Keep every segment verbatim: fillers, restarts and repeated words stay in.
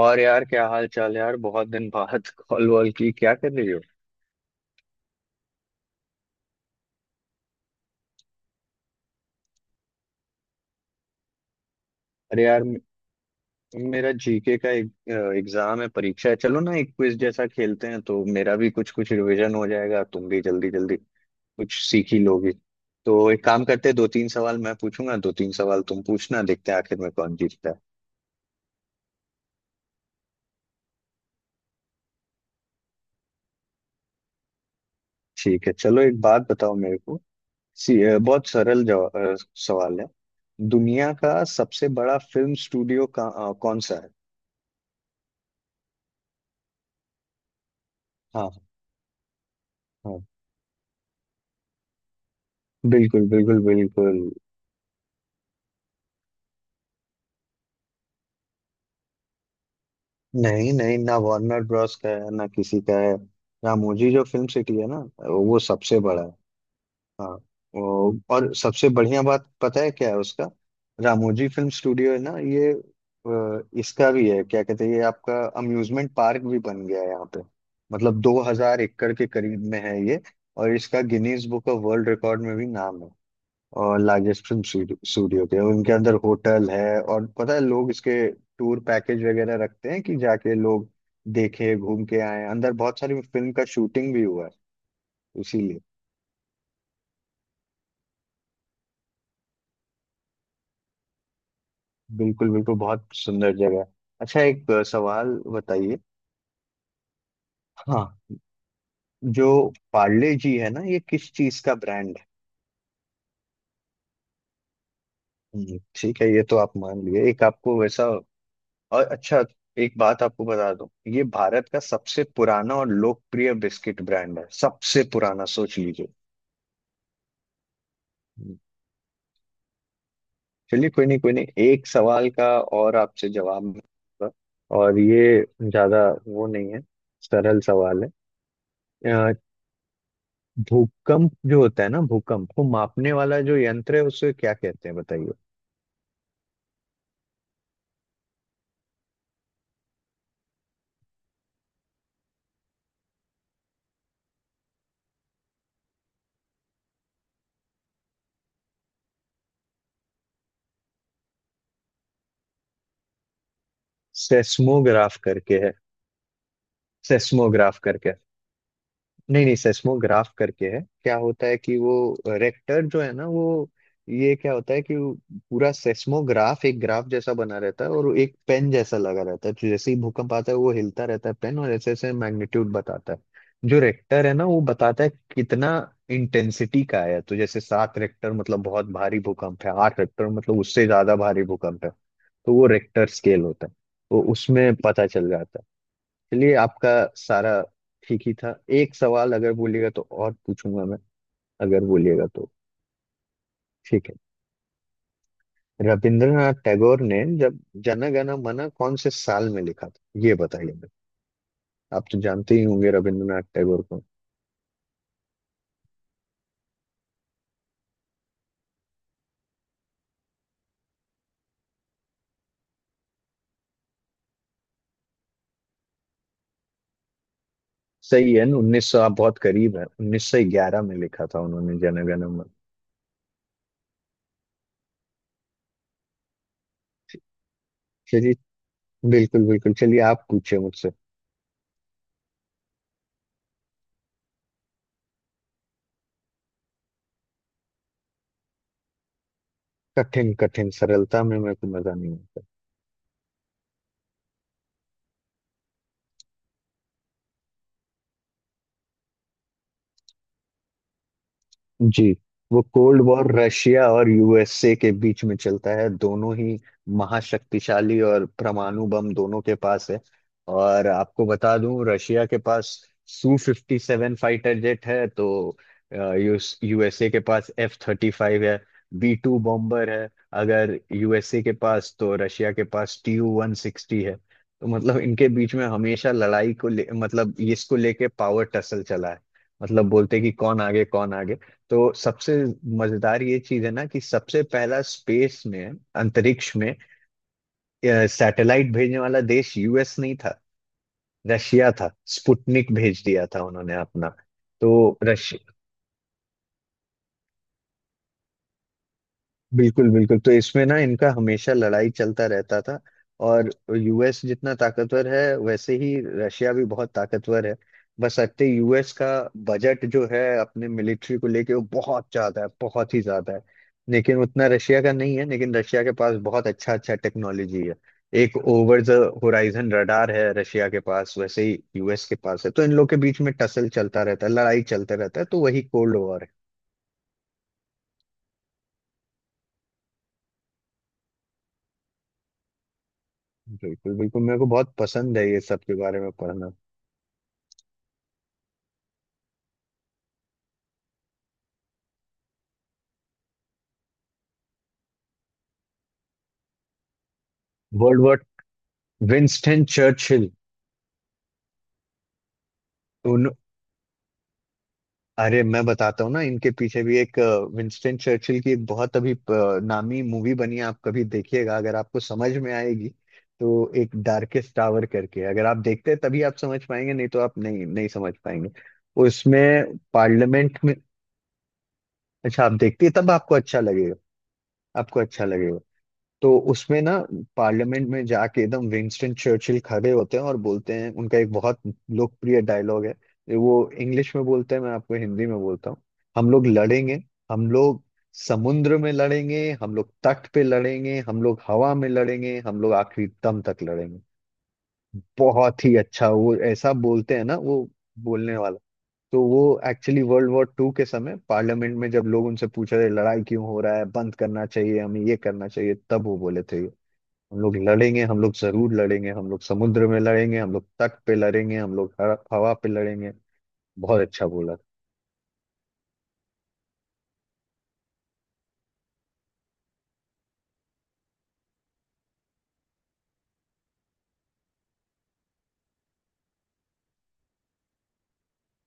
और यार क्या हाल चाल है यार बहुत दिन बाद कॉल वॉल की क्या कर रही हो। अरे यार मे- मेरा जीके का एक एग्जाम है, परीक्षा है। चलो ना एक क्विज जैसा खेलते हैं तो मेरा भी कुछ कुछ रिवीजन हो जाएगा, तुम भी जल्दी जल्दी कुछ सीख ही लोगी। तो एक काम करते हैं, दो तीन सवाल मैं पूछूंगा, दो तीन सवाल तुम पूछना। देखते हैं आखिर में कौन जीतता है। ठीक है चलो, एक बात बताओ मेरे को। सी, अ, बहुत सरल जवा- अ, सवाल है। दुनिया का सबसे बड़ा फिल्म स्टूडियो का अ, कौन सा है? हाँ। हाँ, बिल्कुल बिल्कुल बिल्कुल। नहीं नहीं ना, वार्नर ब्रॉस का है ना किसी का है। रामोजी जो फिल्म सिटी है ना, वो सबसे बड़ा है। हाँ। वो- और सबसे बढ़िया बात पता है क्या है उसका? रामोजी फिल्म स्टूडियो है ना ये। अ, इसका भी है, क्या कहते हैं ये आपका अम्यूजमेंट पार्क भी बन गया है यहाँ पे। मतलब दो हजार एकड़ के करीब में है ये। और इसका Guinness book of world record में भी नाम है, और लार्जेस्ट फिल्म स्टूडियो के उनके अंदर होटल है। और पता है लोग इसके टूर पैकेज वगैरह रखते हैं कि जाके लोग देखे, घूम के आए। अंदर बहुत सारी फिल्म का शूटिंग भी हुआ है इसीलिए। बिल्कुल बिल्कुल, बहुत सुंदर जगह है। अच्छा, एक अ, सवाल बताइए। हाँ। जो पार्ले जी है ना, ये किस चीज का ब्रांड है? हम्म, ठीक है, ये तो आप मान लिए एक आपको वैसा। और अच्छा, एक बात आपको बता दूं, ये भारत का सबसे पुराना और लोकप्रिय बिस्किट ब्रांड है। सबसे पुराना, सोच लीजिए। हम्म, चलिए कोई नहीं कोई नहीं, एक सवाल का और आपसे जवाब मिलेगा। और ये ज्यादा वो नहीं है, सरल सवाल है। अ, भूकंप जो होता है ना, भूकंप को मापने वाला जो यंत्र है उसे क्या कहते हैं बताइए। सेस्मोग्राफ करके है। सेस्मोग्राफ करके। नहीं नहीं, सेस्मोग्राफ करके है। क्या होता है कि वो रेक्टर जो है ना वो, ये क्या होता है कि वो पूरा सेस्मोग्राफ एक ग्राफ जैसा बना रहता है, और वो एक पेन जैसा लगा रहता है। तो जैसे ही भूकंप आता है वो हिलता रहता है पेन, और ऐसे ऐसे मैग्नीट्यूड बताता है। जो रेक्टर है ना वो बताता है कितना इंटेंसिटी का है। तो जैसे सात रेक्टर मतलब बहुत भारी भूकंप है, आठ रेक्टर मतलब उससे ज्यादा भारी भूकंप है। तो वो रेक्टर स्केल होता है, तो उसमें पता चल जाता है। चलिए, आपका सारा ठीक ही था। एक सवाल अगर बोलिएगा तो और पूछूंगा मैं, अगर बोलिएगा तो। ठीक है। रविंद्रनाथ टैगोर ने जब जन गण मन कौन से साल में लिखा था ये बताइए मुझे। आप तो जानते ही होंगे रविंद्रनाथ टैगोर को। सही है ना, उन्नीस सौ, आप बहुत करीब है। उन्नीस सौ ग्यारह में लिखा था उन्होंने जन गण मन। चलिए बिल्कुल बिल्कुल, चलिए आप पूछे मुझसे। कठिन कठिन, सरलता में मेरे को मजा नहीं आता। जी। वो कोल्ड वॉर रशिया और यूएसए के बीच में चलता है, दोनों ही महाशक्तिशाली और परमाणु बम दोनों के पास है। और आपको बता दूं, रशिया के पास Su fifty seven fighter jet है तो यूएसए के पास एफ थर्टी फाइव है, बी टू बॉम्बर है। अगर यूएसए के पास, तो रशिया के पास टी यू वन सिक्सटी है। तो मतलब इनके बीच में हमेशा लड़ाई को ले, मतलब इसको लेके पावर टसल चला है। मतलब बोलते कि कौन आगे कौन आगे। तो सबसे मजेदार ये चीज है ना, कि सबसे पहला स्पेस में, अंतरिक्ष में सैटेलाइट भेजने वाला देश यूएस नहीं था, रशिया था। स्पुटनिक भेज दिया था उन्होंने अपना। तो रश बिल्कुल बिल्कुल, तो इसमें ना इनका हमेशा लड़ाई चलता रहता था। और यूएस जितना ताकतवर है वैसे ही रशिया भी बहुत ताकतवर है। बस अत्ते यूएस का बजट जो है अपने मिलिट्री को लेके वो बहुत ज्यादा है, बहुत ही ज्यादा है। लेकिन उतना रशिया का नहीं है, लेकिन रशिया के पास बहुत अच्छा अच्छा टेक्नोलॉजी है। एक ओवर द होराइजन रडार है रशिया के पास, वैसे ही यूएस के पास है। तो इन लोग के बीच में टसल चलता रहता है, लड़ाई चलता रहता है, तो वही कोल्ड वॉर। बिल्कुल बिल्कुल, मेरे को बहुत पसंद है ये सब के बारे में पढ़ना। World war, Winston Churchill. उन अरे मैं बताता हूँ ना, इनके पीछे भी एक अ, विंस्टन चर्चिल की एक बहुत अभी अ, नामी मूवी बनी है। आप कभी देखिएगा, अगर आपको समझ में आएगी तो। एक डार्केस्ट टावर करके, अगर आप देखते हैं तभी आप समझ पाएंगे, नहीं तो आप नहीं नहीं समझ पाएंगे। उसमें पार्लियामेंट में। अच्छा आप देखते हैं तब आपको अच्छा लगेगा। आपको अच्छा लगेगा। तो उसमें ना पार्लियामेंट में जाके एकदम विंस्टन चर्चिल खड़े होते हैं और बोलते हैं। उनका एक बहुत लोकप्रिय डायलॉग है। वो इंग्लिश में बोलते हैं, मैं आपको हिंदी में बोलता हूँ। हम लोग लड़ेंगे, हम लोग समुद्र में लड़ेंगे, हम लोग तट पे लड़ेंगे, हम लोग हवा में लड़ेंगे, हम लोग आखिरी दम तक लड़ेंगे। बहुत ही अच्छा वो ऐसा बोलते हैं ना, वो बोलने वाला। तो वो एक्चुअली वर्ल्ड वॉर टू के समय पार्लियामेंट में जब लोग उनसे पूछ रहे लड़ाई क्यों हो रहा है, बंद करना चाहिए, हमें ये करना चाहिए, तब वो बोले थे, हम लोग लड़ेंगे, हम लोग जरूर लड़ेंगे, हम लोग समुद्र में लड़ेंगे, हम लोग तट पे लड़ेंगे, हम लोग हवा हवा पे लड़ेंगे। बहुत अच्छा बोला।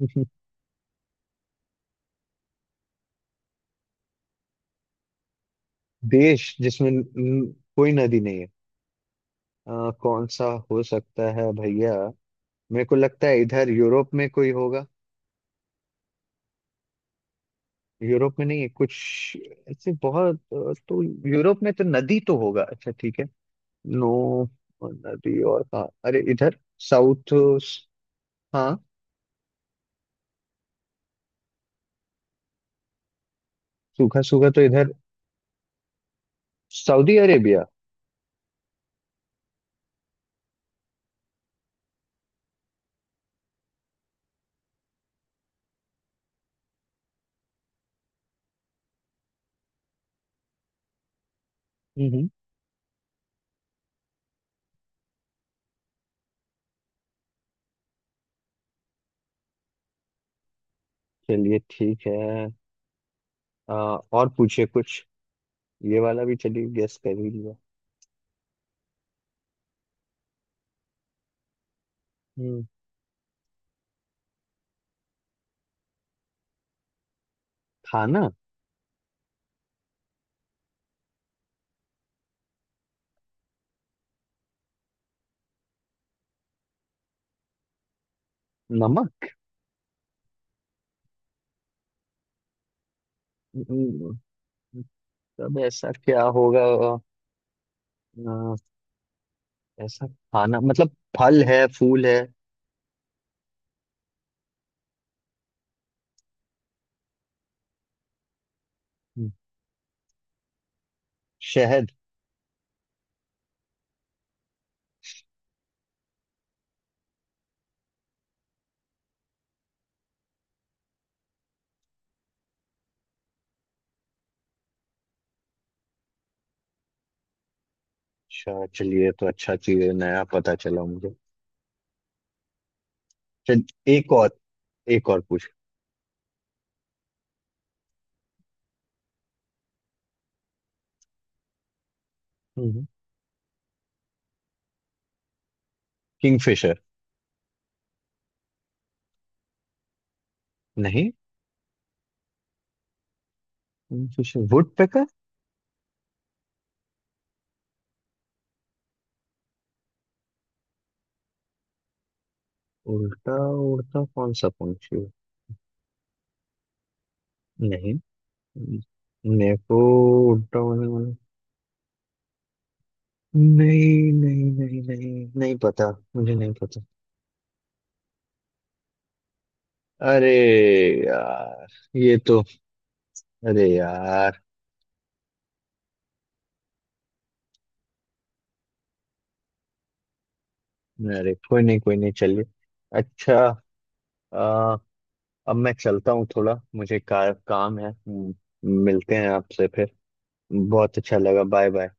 देश जिसमें न- न- कोई नदी नहीं है? अ, कौन सा हो सकता है भैया? मेरे को लगता है इधर यूरोप में कोई होगा। यूरोप में नहीं है कुछ ऐसे, बहुत अ, तो यूरोप में तो नदी तो होगा। अच्छा ठीक है। नो नदी, और कहाँ? अरे इधर साउथ। हाँ। सूखा सूखा तो इधर। Saudi Arabia. चलिए ठीक है। अ, और पूछिए कुछ, ये वाला भी चलिए गेस कर ही लिया। हम्म। खाना? नमक। हम्म, तब ऐसा क्या होगा? अ, ऐसा खाना मतलब, फल है, फूल है? हम्म, शहद। अच्छा चलिए, ये तो अच्छा चीज है, नया पता चला मुझे। चल एक और, एक और पूछ। किंगफिशर। नहीं, किंगफिशर, वुड पेकर। उल्टा उड़ता कौन सा पंछी है? नहीं। नेको उड़ता। नहीं नहीं नहीं नहीं नहीं पता। मुझे नहीं पता। अरे यार, ये तो अरे यार। अरे कोई नहीं कोई नहीं, चलिए। अच्छा, आ, अब मैं चलता हूँ, थोड़ा मुझे का, काम है। हम्म, मिलते हैं आपसे फिर। बहुत अच्छा लगा, बाय बाय।